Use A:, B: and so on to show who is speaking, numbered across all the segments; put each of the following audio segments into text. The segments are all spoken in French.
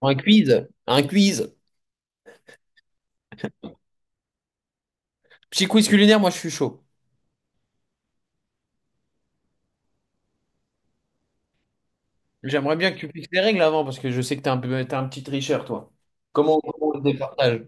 A: Un quiz, un quiz. Petit quiz culinaire, moi je suis chaud. J'aimerais bien que tu fixes les règles avant parce que je sais que t'es un peu, t'es un petit tricheur, toi. Comment on se départage?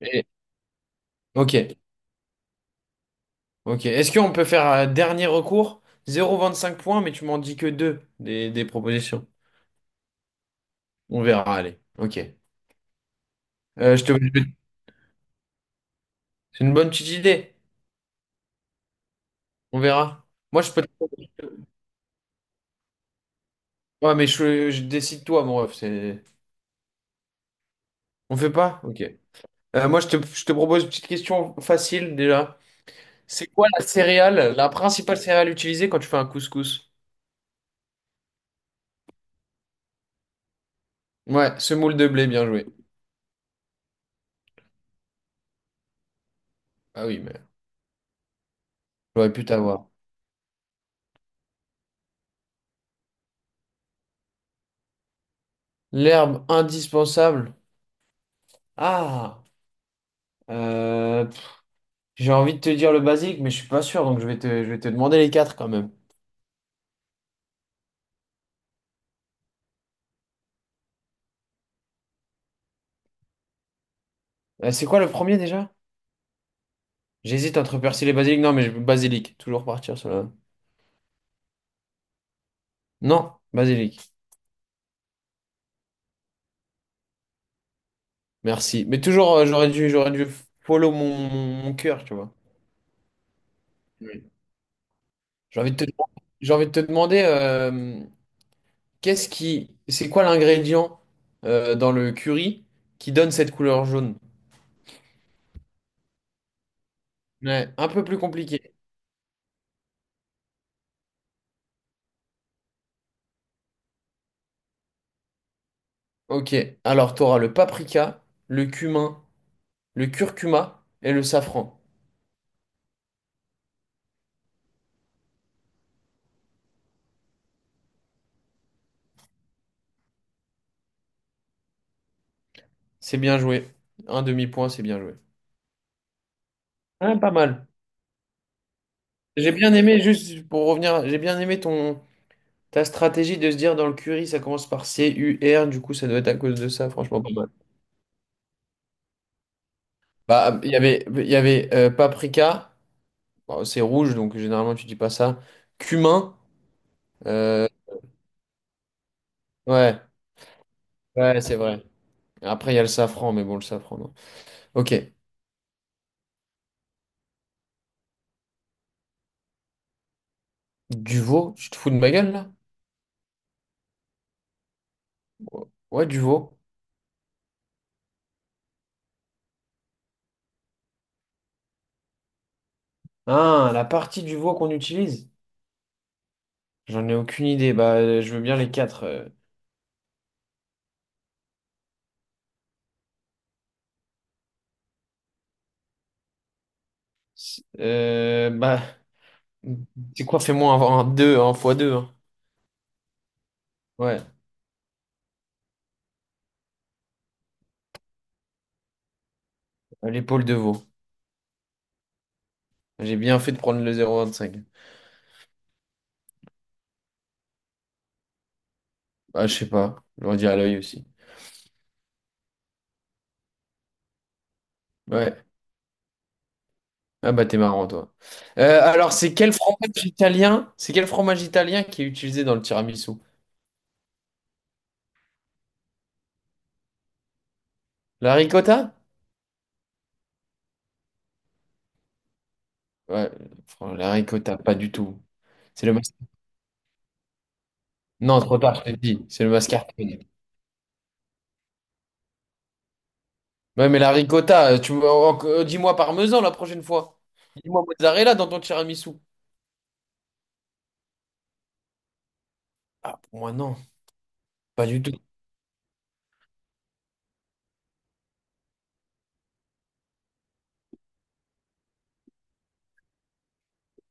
A: Et- Ok, ok. Est-ce qu'on peut faire dernier recours? Zéro virgule vingt-cinq points, mais tu m'en dis que deux des propositions. On verra, allez. Ok. Je te... C'est une bonne petite idée. On verra. Moi je peux. Ouais, mais je décide toi, mon ref. On fait pas? Ok. Moi je te propose une petite question facile déjà. C'est quoi la céréale, la principale céréale utilisée quand tu fais un couscous? Ouais, semoule de blé, bien joué. Ah oui, mais j'aurais pu t'avoir. L'herbe indispensable. Ah, pff, j'ai envie de te dire le basique, mais je suis pas sûr, donc je vais te demander les quatre quand même. C'est quoi le premier déjà? J'hésite entre persil et basilic. Non, mais je- basilic. Toujours partir sur la... Non, basilic. Merci. Mais toujours, j'aurais dû follow mon cœur, tu vois. Oui. J'ai envie de te, j'ai envie de te demander c'est quoi l'ingrédient dans le curry qui donne cette couleur jaune? Ouais, un peu plus compliqué. Ok, alors tu auras le paprika, le cumin, le curcuma et le safran. C'est bien joué. Un demi-point, c'est bien joué. Ouais, pas mal. J'ai bien aimé, juste pour revenir, j'ai bien aimé ton ta stratégie de se dire dans le curry, ça commence par C-U-R, du coup ça doit être à cause de ça, franchement pas mal. Bah, il y avait paprika. Bon, c'est rouge, donc généralement tu dis pas ça. Cumin. euh, Ouais, ouais, c'est vrai. Après, il y a le safran, mais bon, le safran, non. Ok. Du veau, tu te fous de ma gueule, là? Ouais, du veau. Ah, la partie du veau qu'on utilise? J'en ai aucune idée. Bah, je veux bien les quatre. C'est- euh, bah, c'est quoi? Fais-moi un 2 un fois 2. Ouais, l'épaule de veau. J'ai bien fait de prendre le 0,25. Bah, je sais pas. Je leur dis à l'œil aussi. Ouais. Ah bah, t'es marrant, toi. Alors, c'est quel fromage italien? C'est quel fromage italien qui est utilisé dans le tiramisu? La ricotta? Ouais, la ricotta, pas du tout. C'est le mas- Non, trop tard, je te le dis. C'est le mascarpone. Ouais, mais la ricotta, tu me- en- en- dis-moi parmesan la prochaine fois. Dis-moi mozzarella dans ton tiramisu. Ah, pour moi, non. Pas du tout.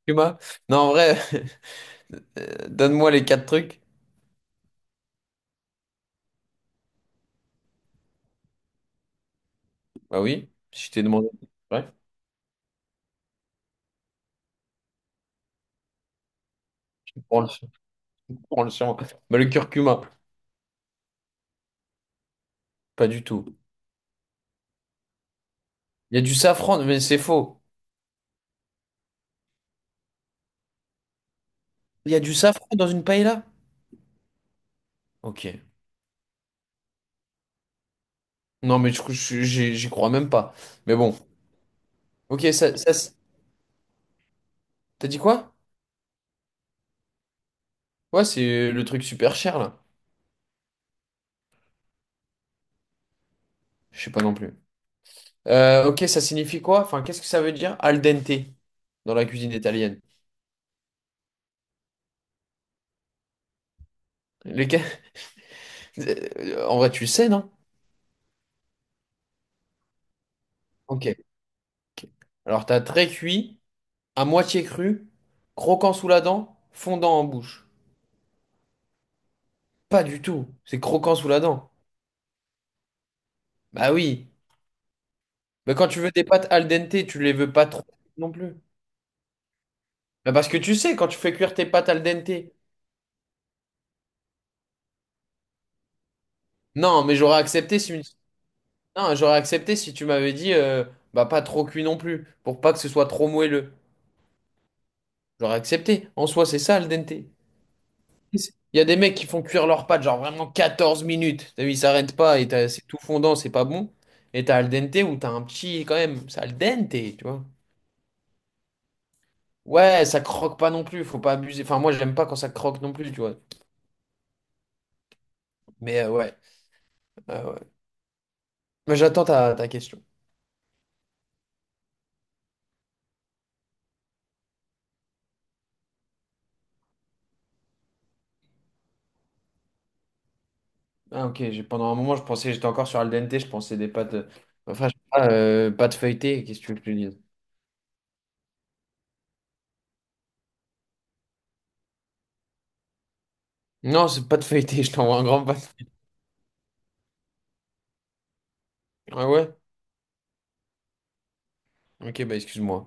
A: Tu m'as... Non, en vrai, donne-moi les quatre trucs. Bah oui, si je t'ai demandé. Ouais, prends le, prends le sien. Bah, le curcuma, pas du tout. Il y a du safran, mais c'est faux. Il y a du safran dans une paella? Ok. Non, mais je- j'y j'y crois même pas. Mais bon. Ok, t'as dit quoi? Ouais, c'est le truc super cher là. Je sais pas non plus. Ok, ça signifie quoi? Enfin, qu'est-ce que ça veut dire al dente dans la cuisine italienne? Les... ca- en vrai, tu le sais, non? Ok. Ok. Alors, t'as très cuit, à moitié cru, croquant sous la dent, fondant en bouche. Pas du tout. C'est croquant sous la dent. Bah oui. Mais quand tu veux des pâtes al dente, tu les veux pas trop non plus. Bah parce que tu sais, quand tu fais cuire tes pâtes al dente. Non, mais j'aurais accepté si Non, j'aurais accepté si tu m'avais dit bah pas trop cuit non plus, pour pas que ce soit trop moelleux. J'aurais accepté. En soi, c'est ça al dente. Il y a des mecs qui font cuire leurs pâtes genre vraiment 14 minutes. T'as vu, ils s'arrêtent pas et c'est tout fondant, c'est pas bon. Et t'as al dente où t'as un petit quand même, c'est al dente, tu vois. Ouais, ça croque pas non plus, faut pas abuser. Enfin, moi, j'aime pas quand ça croque non plus, tu vois. Mais euh, ouais, ouais. Mais j'attends ta question. Ah, ok, pendant un moment, je pensais, j'étais encore sur al dente, je pensais des pâtes. Enfin, je sais pas, pâtes feuilletées, qu'est-ce que tu veux que je te dise? Non, c'est pas de feuilleté, je t'envoie un grand pas. Ah ouais? Ok, bah excuse-moi.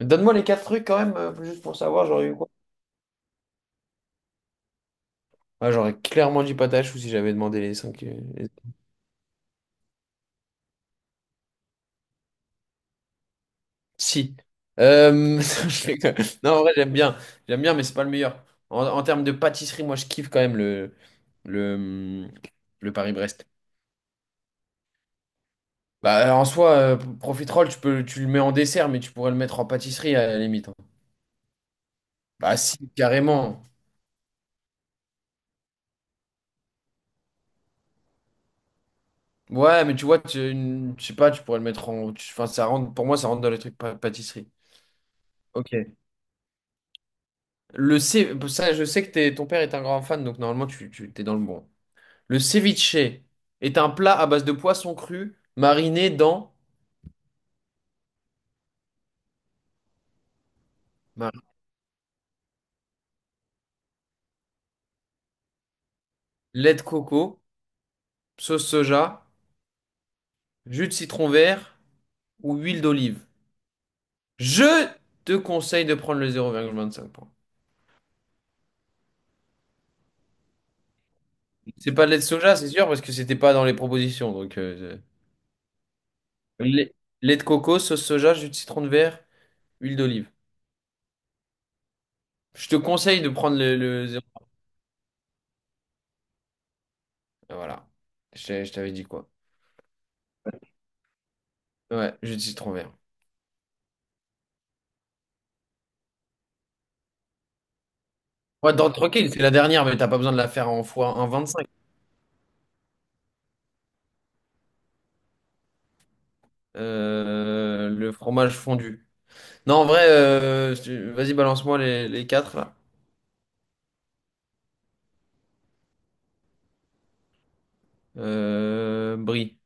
A: Mais donne-moi les quatre trucs quand même, juste pour savoir, j'aurais eu quoi? Ah, j'aurais clairement dit patache ou si j'avais demandé les cinq. Si. Euh, je rigole. Non, en vrai, j'aime bien. J'aime bien, mais c'est pas le meilleur. En termes de pâtisserie, moi, je kiffe quand même le, le Paris-Brest. Bah, en soi, profiterole, tu peux, tu le mets en dessert, mais tu pourrais le mettre en pâtisserie à la limite, hein. Bah, si, carrément. Ouais, mais tu vois, je sais pas, tu pourrais le mettre Enfin, ça rentre, pour moi, ça rentre dans les trucs pâtisserie. Ok. Ça, je sais que ton père est un grand fan, donc normalement, tu t'es dans le bon. Le ceviche est un plat à base de poisson cru mariné dans Mar- lait de coco, sauce soja, jus de citron vert ou huile d'olive. Je te conseille de prendre le 0,25 points. C'est pas de lait de soja, c'est sûr, parce que c'était pas dans les propositions. Donc, lait, lait de coco, sauce soja, jus de citron de verre. Huile d'olive. Je te conseille de prendre le zéro- Voilà. Je t'avais dit quoi? Ouais, jus de citron vert. Ouais, dans- tranquille, c'est la dernière, mais t'as pas besoin de la faire en fois 1,25. Le fromage fondu. Non, en vrai, vas-y, balance-moi les quatre là. Brie.